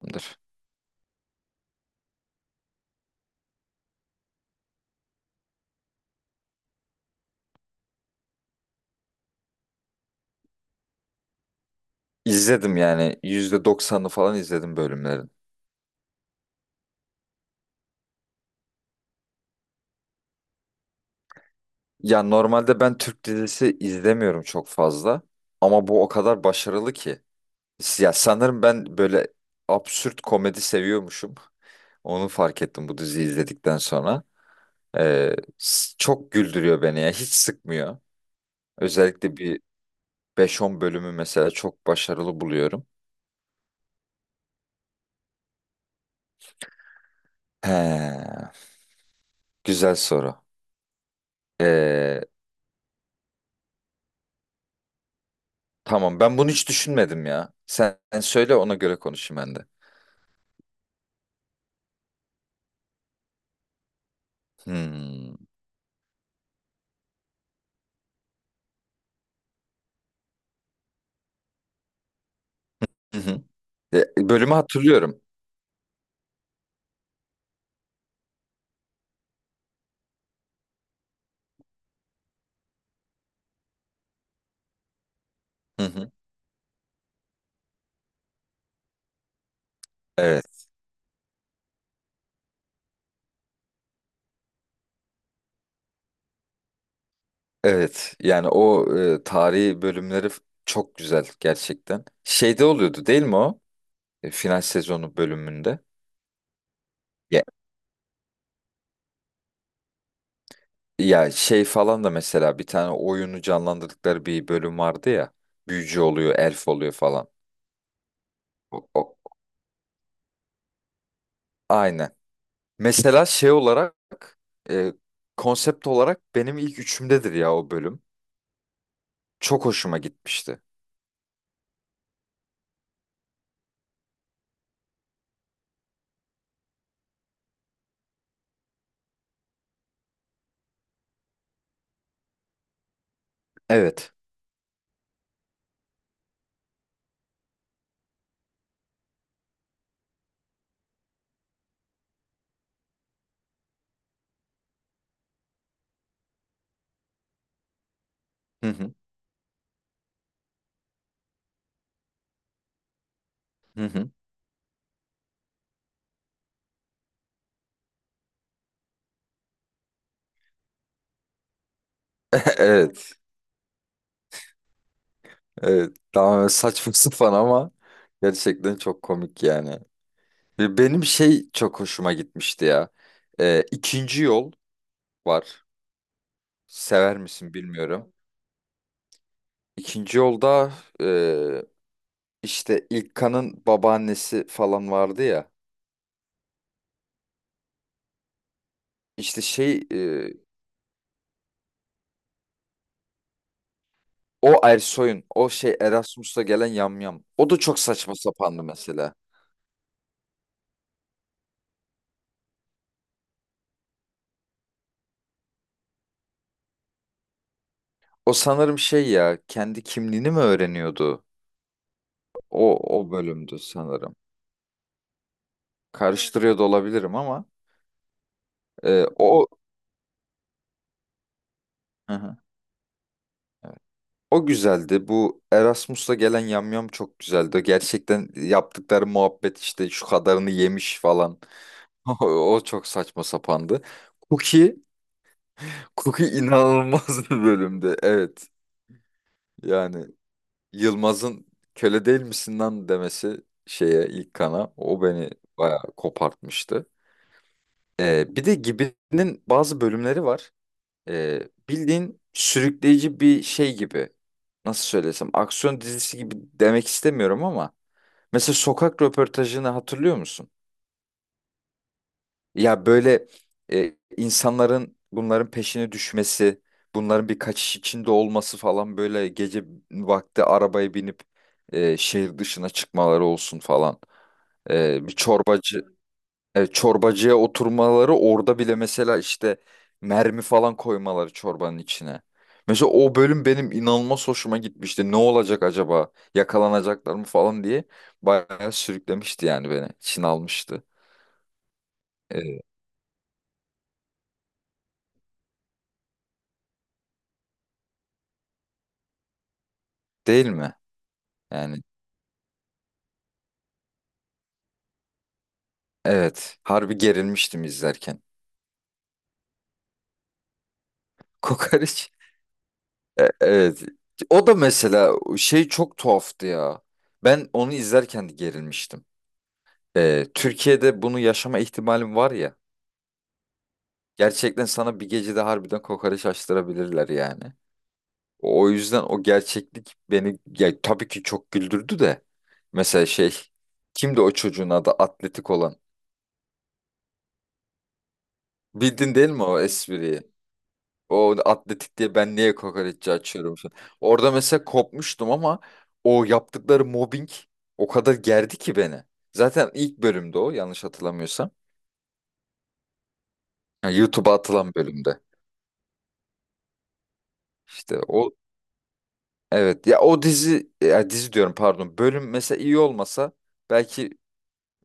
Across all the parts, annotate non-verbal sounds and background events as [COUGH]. Dur. İzledim yani %90'ını falan izledim bölümlerin. Ya normalde ben Türk dizisi izlemiyorum çok fazla ama bu o kadar başarılı ki. Ya sanırım ben böyle absürt komedi seviyormuşum. Onu fark ettim bu diziyi izledikten sonra. Çok güldürüyor beni ya hiç sıkmıyor. Özellikle bir beş on bölümü mesela çok başarılı buluyorum. He, güzel soru. Ee, tamam ben bunu hiç düşünmedim ya. Sen söyle ona göre konuşayım ben de. Hmm. Hı hı. Bölümü hatırlıyorum. Hı hı. Evet, evet. Yani o tarihi bölümleri, çok güzel gerçekten. Şeyde oluyordu değil mi o? Final sezonu bölümünde. Ya, ya şey falan da mesela bir tane oyunu canlandırdıkları bir bölüm vardı ya. Büyücü oluyor, elf oluyor falan. O, o- Aynen. Mesela şey olarak, e, konsept olarak benim ilk üçümdedir ya o bölüm. Çok hoşuma gitmişti. Evet. Hı hı. Hı hı. [LAUGHS] Evet. Evet, daha saçma [LAUGHS] sapan ama gerçekten çok komik yani. Ve benim şey çok hoşuma gitmişti ya. İkinci yol var. Sever misin bilmiyorum. İkinci yolda e, işte İlkan'ın babaannesi falan vardı ya. İşte şey e, O Ersoy'un o şey Erasmus'ta gelen yamyam. O da çok saçma sapandı mesela. O sanırım şey ya kendi kimliğini mi öğreniyordu? O bölümdü sanırım. Karıştırıyor da olabilirim ama. O Hı hı. Evet. O güzeldi. Bu Erasmus'la gelen yamyam çok güzeldi. Gerçekten yaptıkları muhabbet işte şu kadarını yemiş falan. [LAUGHS] O çok saçma sapandı. Cookie, Cookie inanılmaz bir bölümdü. Evet. Yani Yılmaz'ın köle değil misin lan demesi şeye ilk kana o beni bayağı kopartmıştı. Bir de Gibi'nin bazı bölümleri var. Bildiğin sürükleyici bir şey gibi. Nasıl söylesem aksiyon dizisi gibi demek istemiyorum ama mesela sokak röportajını hatırlıyor musun? Ya böyle insanların bunların peşine düşmesi, bunların bir kaçış içinde olması falan böyle gece vakti arabaya binip şehir dışına çıkmaları olsun falan. E, bir çorbacı Çorbacıya oturmaları orada bile mesela işte mermi falan koymaları çorbanın içine. Mesela o bölüm benim inanılmaz hoşuma gitmişti. Ne olacak acaba? Yakalanacaklar mı falan diye bayağı sürüklemişti yani beni. Çin almıştı. E, Değil mi? Yani evet. Harbi gerilmiştim izlerken. [LAUGHS] Kokoreç. Evet. O da mesela şey çok tuhaftı ya. Ben onu izlerken de gerilmiştim. Türkiye'de bunu yaşama ihtimalim var ya. Gerçekten sana bir gecede harbiden kokoreç açtırabilirler yani. O yüzden o gerçeklik beni ya, tabii ki çok güldürdü de. Mesela şey kimdi o çocuğun adı atletik olan? Bildin değil mi o espriyi? O atletik diye ben niye kokoreççi açıyorum şu an? Orada mesela kopmuştum ama o yaptıkları mobbing o kadar gerdi ki beni. Zaten ilk bölümde o yanlış hatırlamıyorsam. Yani YouTube'a atılan bölümde. İşte o evet ya o dizi ya dizi diyorum pardon bölüm mesela iyi olmasa belki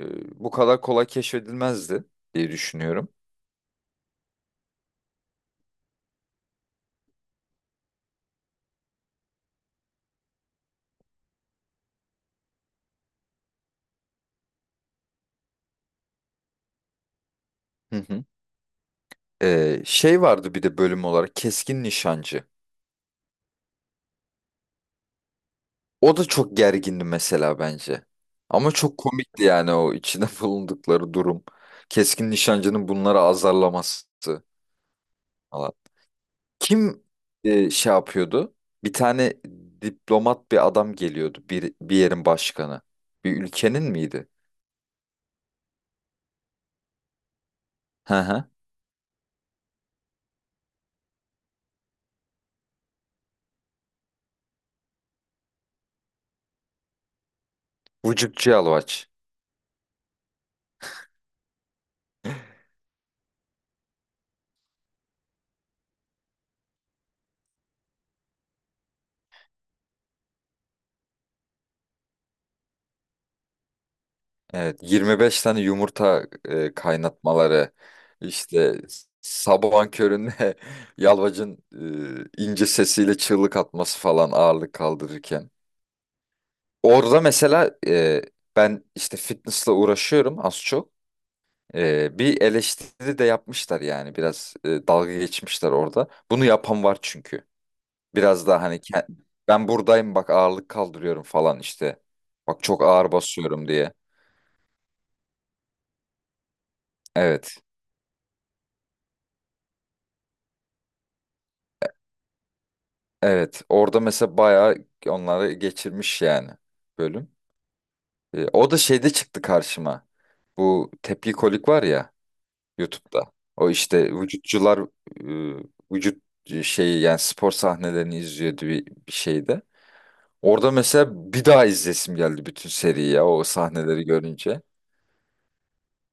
bu kadar kolay keşfedilmezdi diye düşünüyorum. Hı hı. Şey vardı bir de bölüm olarak Keskin Nişancı. O da çok gergindi mesela bence. Ama çok komikti yani o içine [LAUGHS] bulundukları durum. Keskin Nişancı'nın bunları azarlaması falan. Kim şey yapıyordu? Bir tane diplomat bir adam geliyordu. Bir yerin başkanı. Bir ülkenin miydi? Hı hı. Vücutçu Yalvaç. Evet. 25 tane yumurta kaynatmaları. İşte sabahın köründe [LAUGHS] Yalvaç'ın ince sesiyle çığlık atması falan ağırlık kaldırırken. Orada mesela ben işte fitness'la uğraşıyorum az çok. Bir eleştiri de yapmışlar yani biraz dalga geçmişler orada. Bunu yapan var çünkü. Biraz daha hani ke- Ben buradayım bak ağırlık kaldırıyorum falan işte. Bak çok ağır basıyorum diye. Evet. Evet. Orada mesela bayağı onları geçirmiş yani bölüm. O da şeyde çıktı karşıma. Bu tepki kolik var ya YouTube'da. O işte e, vücut şeyi yani spor sahnelerini izliyordu bir şeyde. Orada mesela bir daha izlesim geldi bütün seriyi ya o sahneleri görünce.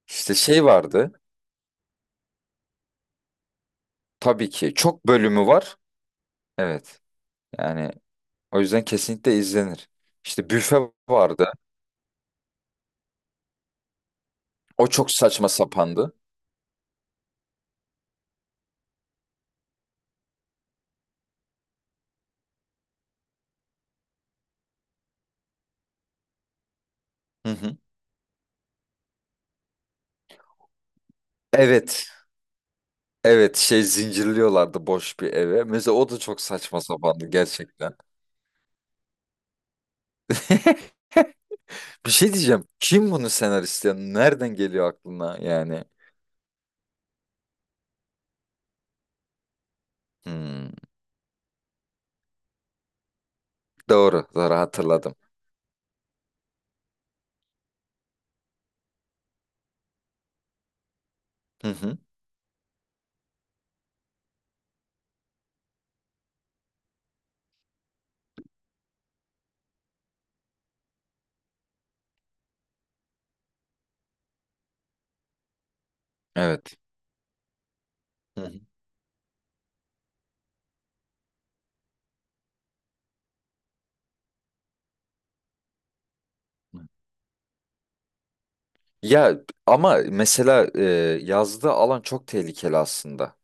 İşte şey vardı. Tabii ki çok bölümü var. Evet. Yani o yüzden kesinlikle izlenir. İşte büfe vardı. O çok saçma sapandı. Hı hı. Evet. Evet, şey zincirliyorlardı boş bir eve. Mesela o da çok saçma sapandı gerçekten. Bir şey diyeceğim. Kim bunu senarist ya? Nereden geliyor aklına yani? Hmm. Doğru. Doğru hatırladım. Hı hı. Evet. Hı hı. Ya ama mesela yazdığı alan çok tehlikeli aslında.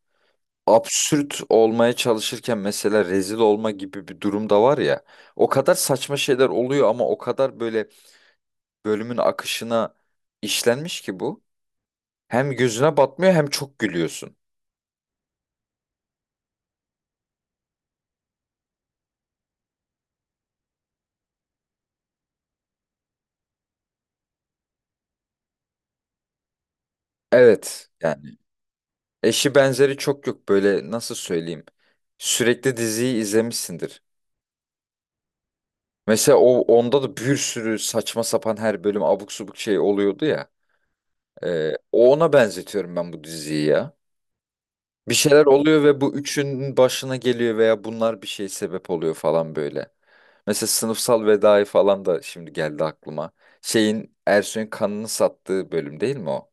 Absürt olmaya çalışırken mesela rezil olma gibi bir durum da var ya. O kadar saçma şeyler oluyor ama o kadar böyle bölümün akışına işlenmiş ki bu. Hem gözüne batmıyor hem çok gülüyorsun. Evet yani eşi benzeri çok yok böyle nasıl söyleyeyim. Sürekli diziyi izlemişsindir. Mesela o onda da bir sürü saçma sapan her bölüm abuk subuk şey oluyordu ya. O ona benzetiyorum ben bu diziyi ya. Bir şeyler oluyor ve bu üçünün başına geliyor veya bunlar bir şey sebep oluyor falan böyle. Mesela sınıfsal vedayı falan da şimdi geldi aklıma. Şeyin Ersoy'un kanını sattığı bölüm değil mi o?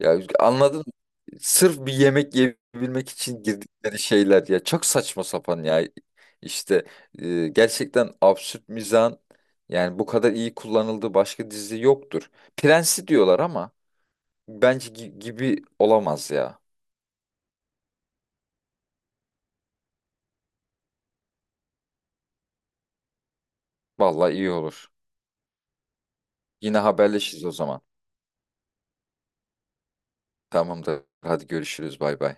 Ya anladın mı? Sırf bir yemek yiyebilmek için girdikleri şeyler ya çok saçma sapan ya. İşte Gerçekten absürt mizahın yani bu kadar iyi kullanıldığı başka dizi yoktur. Prensi diyorlar ama bence gibi olamaz ya. Vallahi iyi olur. Yine haberleşiriz o zaman. Tamamdır. Hadi görüşürüz. Bay bay.